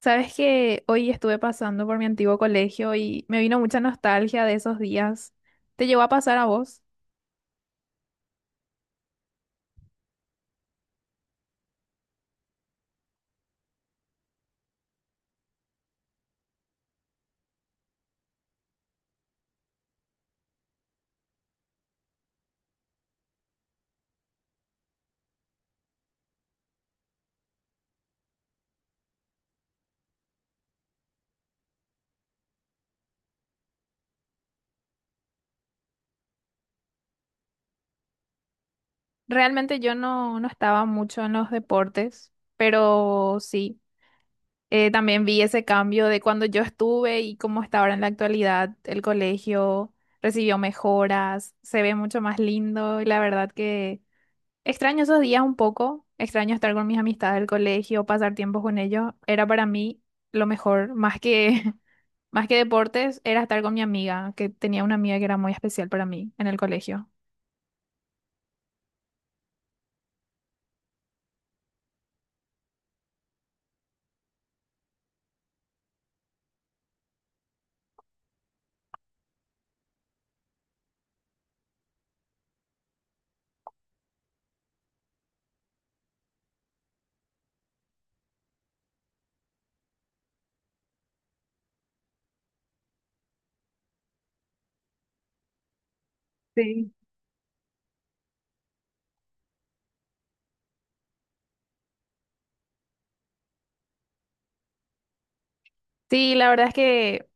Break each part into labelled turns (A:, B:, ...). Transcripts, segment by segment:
A: Sabes que hoy estuve pasando por mi antiguo colegio y me vino mucha nostalgia de esos días. ¿Te llegó a pasar a vos? Realmente yo no estaba mucho en los deportes, pero sí, también vi ese cambio de cuando yo estuve y cómo está ahora en la actualidad. El colegio recibió mejoras, se ve mucho más lindo y la verdad que extraño esos días un poco, extraño estar con mis amistades del colegio, pasar tiempo con ellos, era para mí lo mejor, más que, más que deportes, era estar con mi amiga, que tenía una amiga que era muy especial para mí en el colegio. Sí. Sí, la verdad es que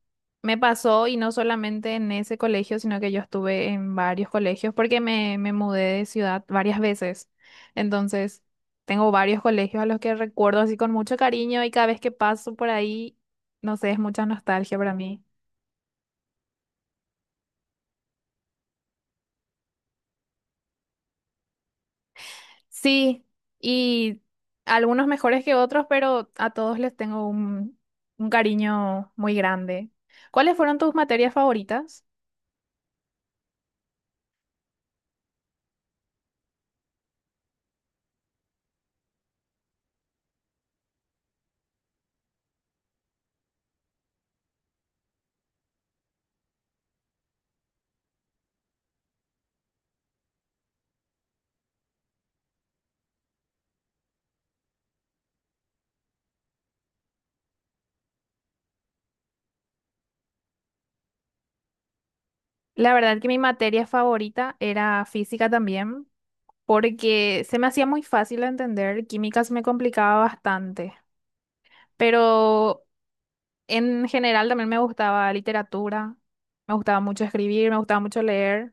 A: me, pasó, y no solamente en ese colegio, sino que yo estuve en varios colegios porque me mudé de ciudad varias veces. Entonces, tengo varios colegios a los que recuerdo así con mucho cariño, y cada vez que paso por ahí, no sé, es mucha nostalgia para mí. Sí, y algunos mejores que otros, pero a todos les tengo un cariño muy grande. ¿Cuáles fueron tus materias favoritas? La verdad que mi materia favorita era física también, porque se me hacía muy fácil de entender. Química se me complicaba bastante, pero en general también me gustaba literatura, me gustaba mucho escribir, me gustaba mucho leer.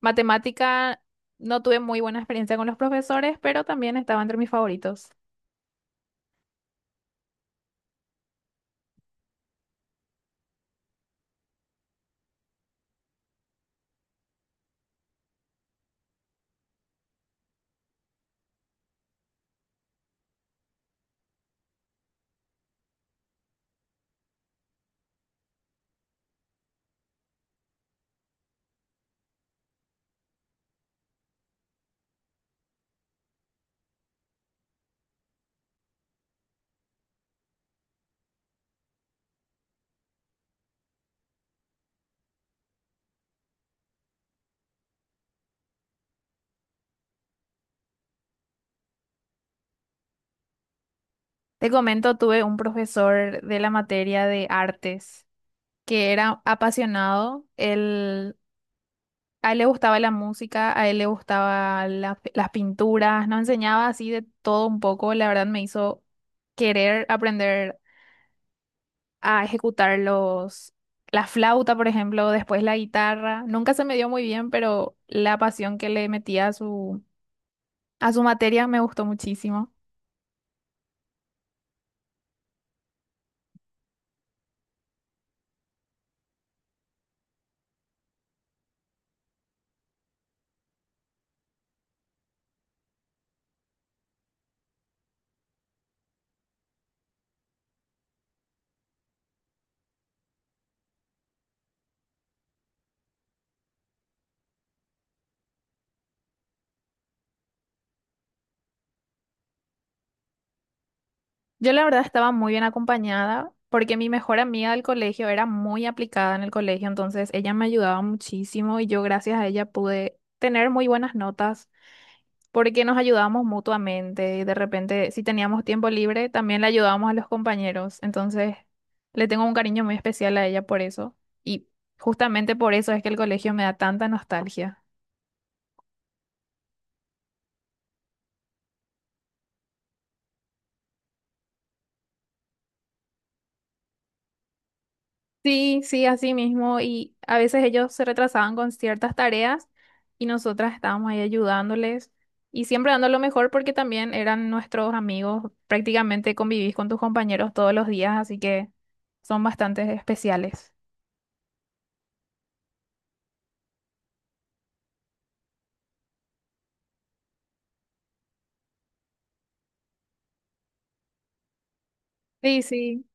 A: Matemática, no tuve muy buena experiencia con los profesores, pero también estaba entre mis favoritos. Te comento, tuve un profesor de la materia de artes que era apasionado. Él, a él le gustaba la música, a él le gustaba las pinturas, nos enseñaba así de todo un poco. La verdad me hizo querer aprender a ejecutar la flauta, por ejemplo, después la guitarra. Nunca se me dio muy bien, pero la pasión que le metía a a su materia me gustó muchísimo. Yo la verdad estaba muy bien acompañada porque mi mejor amiga del colegio era muy aplicada en el colegio, entonces ella me ayudaba muchísimo, y yo gracias a ella pude tener muy buenas notas porque nos ayudábamos mutuamente, y de repente si teníamos tiempo libre también le ayudábamos a los compañeros. Entonces, le tengo un cariño muy especial a ella por eso, y justamente por eso es que el colegio me da tanta nostalgia. Sí, sí, así mismo. Y a veces ellos se retrasaban con ciertas tareas, y nosotras estábamos ahí ayudándoles y siempre dando lo mejor porque también eran nuestros amigos. Prácticamente convivís con tus compañeros todos los días, así que son bastante especiales. Sí, sí.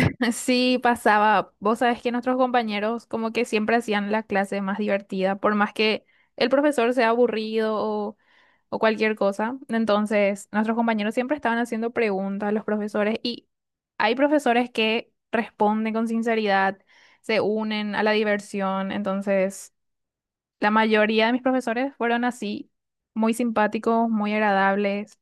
A: Sí, pasaba. Vos sabés que nuestros compañeros como que siempre hacían la clase más divertida, por más que el profesor sea aburrido o cualquier cosa. Entonces, nuestros compañeros siempre estaban haciendo preguntas a los profesores, y hay profesores que responden con sinceridad, se unen a la diversión. Entonces, la mayoría de mis profesores fueron así, muy simpáticos, muy agradables.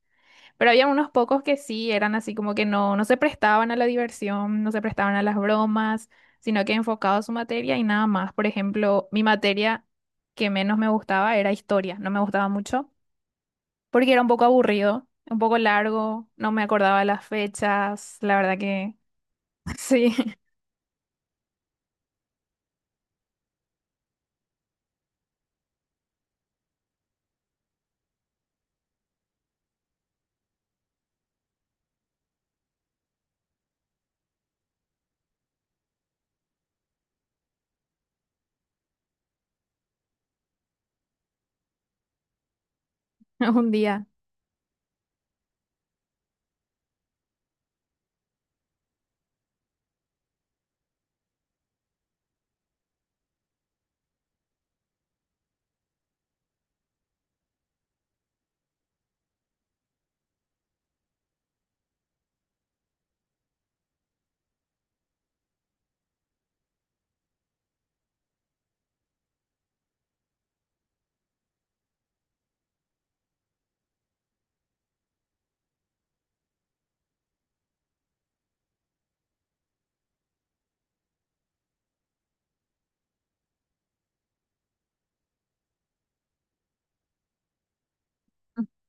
A: Pero había unos pocos que sí eran así como que no, no se prestaban a la diversión, no se prestaban a las bromas, sino que enfocados a su materia y nada más. Por ejemplo, mi materia que menos me gustaba era historia. No me gustaba mucho porque era un poco aburrido, un poco largo, no me acordaba las fechas, la verdad que sí, un día.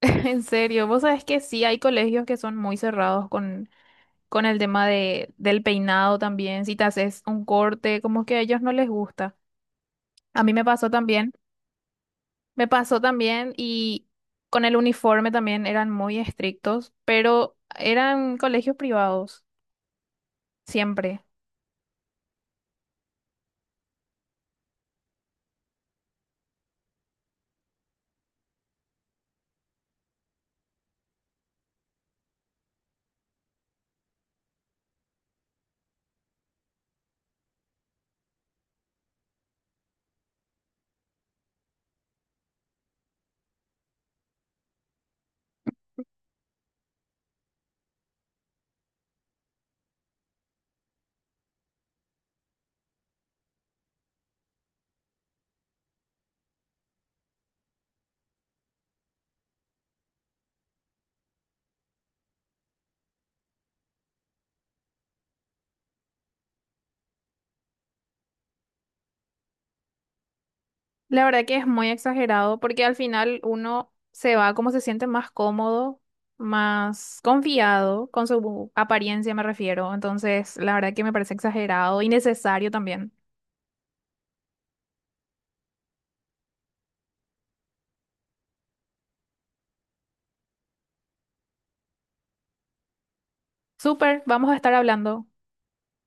A: En serio, vos sabés que sí, hay colegios que son muy cerrados con el tema de, del peinado también, si te haces un corte, como que a ellos no les gusta. A mí me pasó también, me pasó también, y con el uniforme también eran muy estrictos, pero eran colegios privados, siempre. La verdad que es muy exagerado porque al final uno se va como se siente más cómodo, más confiado con su apariencia, me refiero. Entonces, la verdad que me parece exagerado y necesario también. Súper, vamos a estar hablando.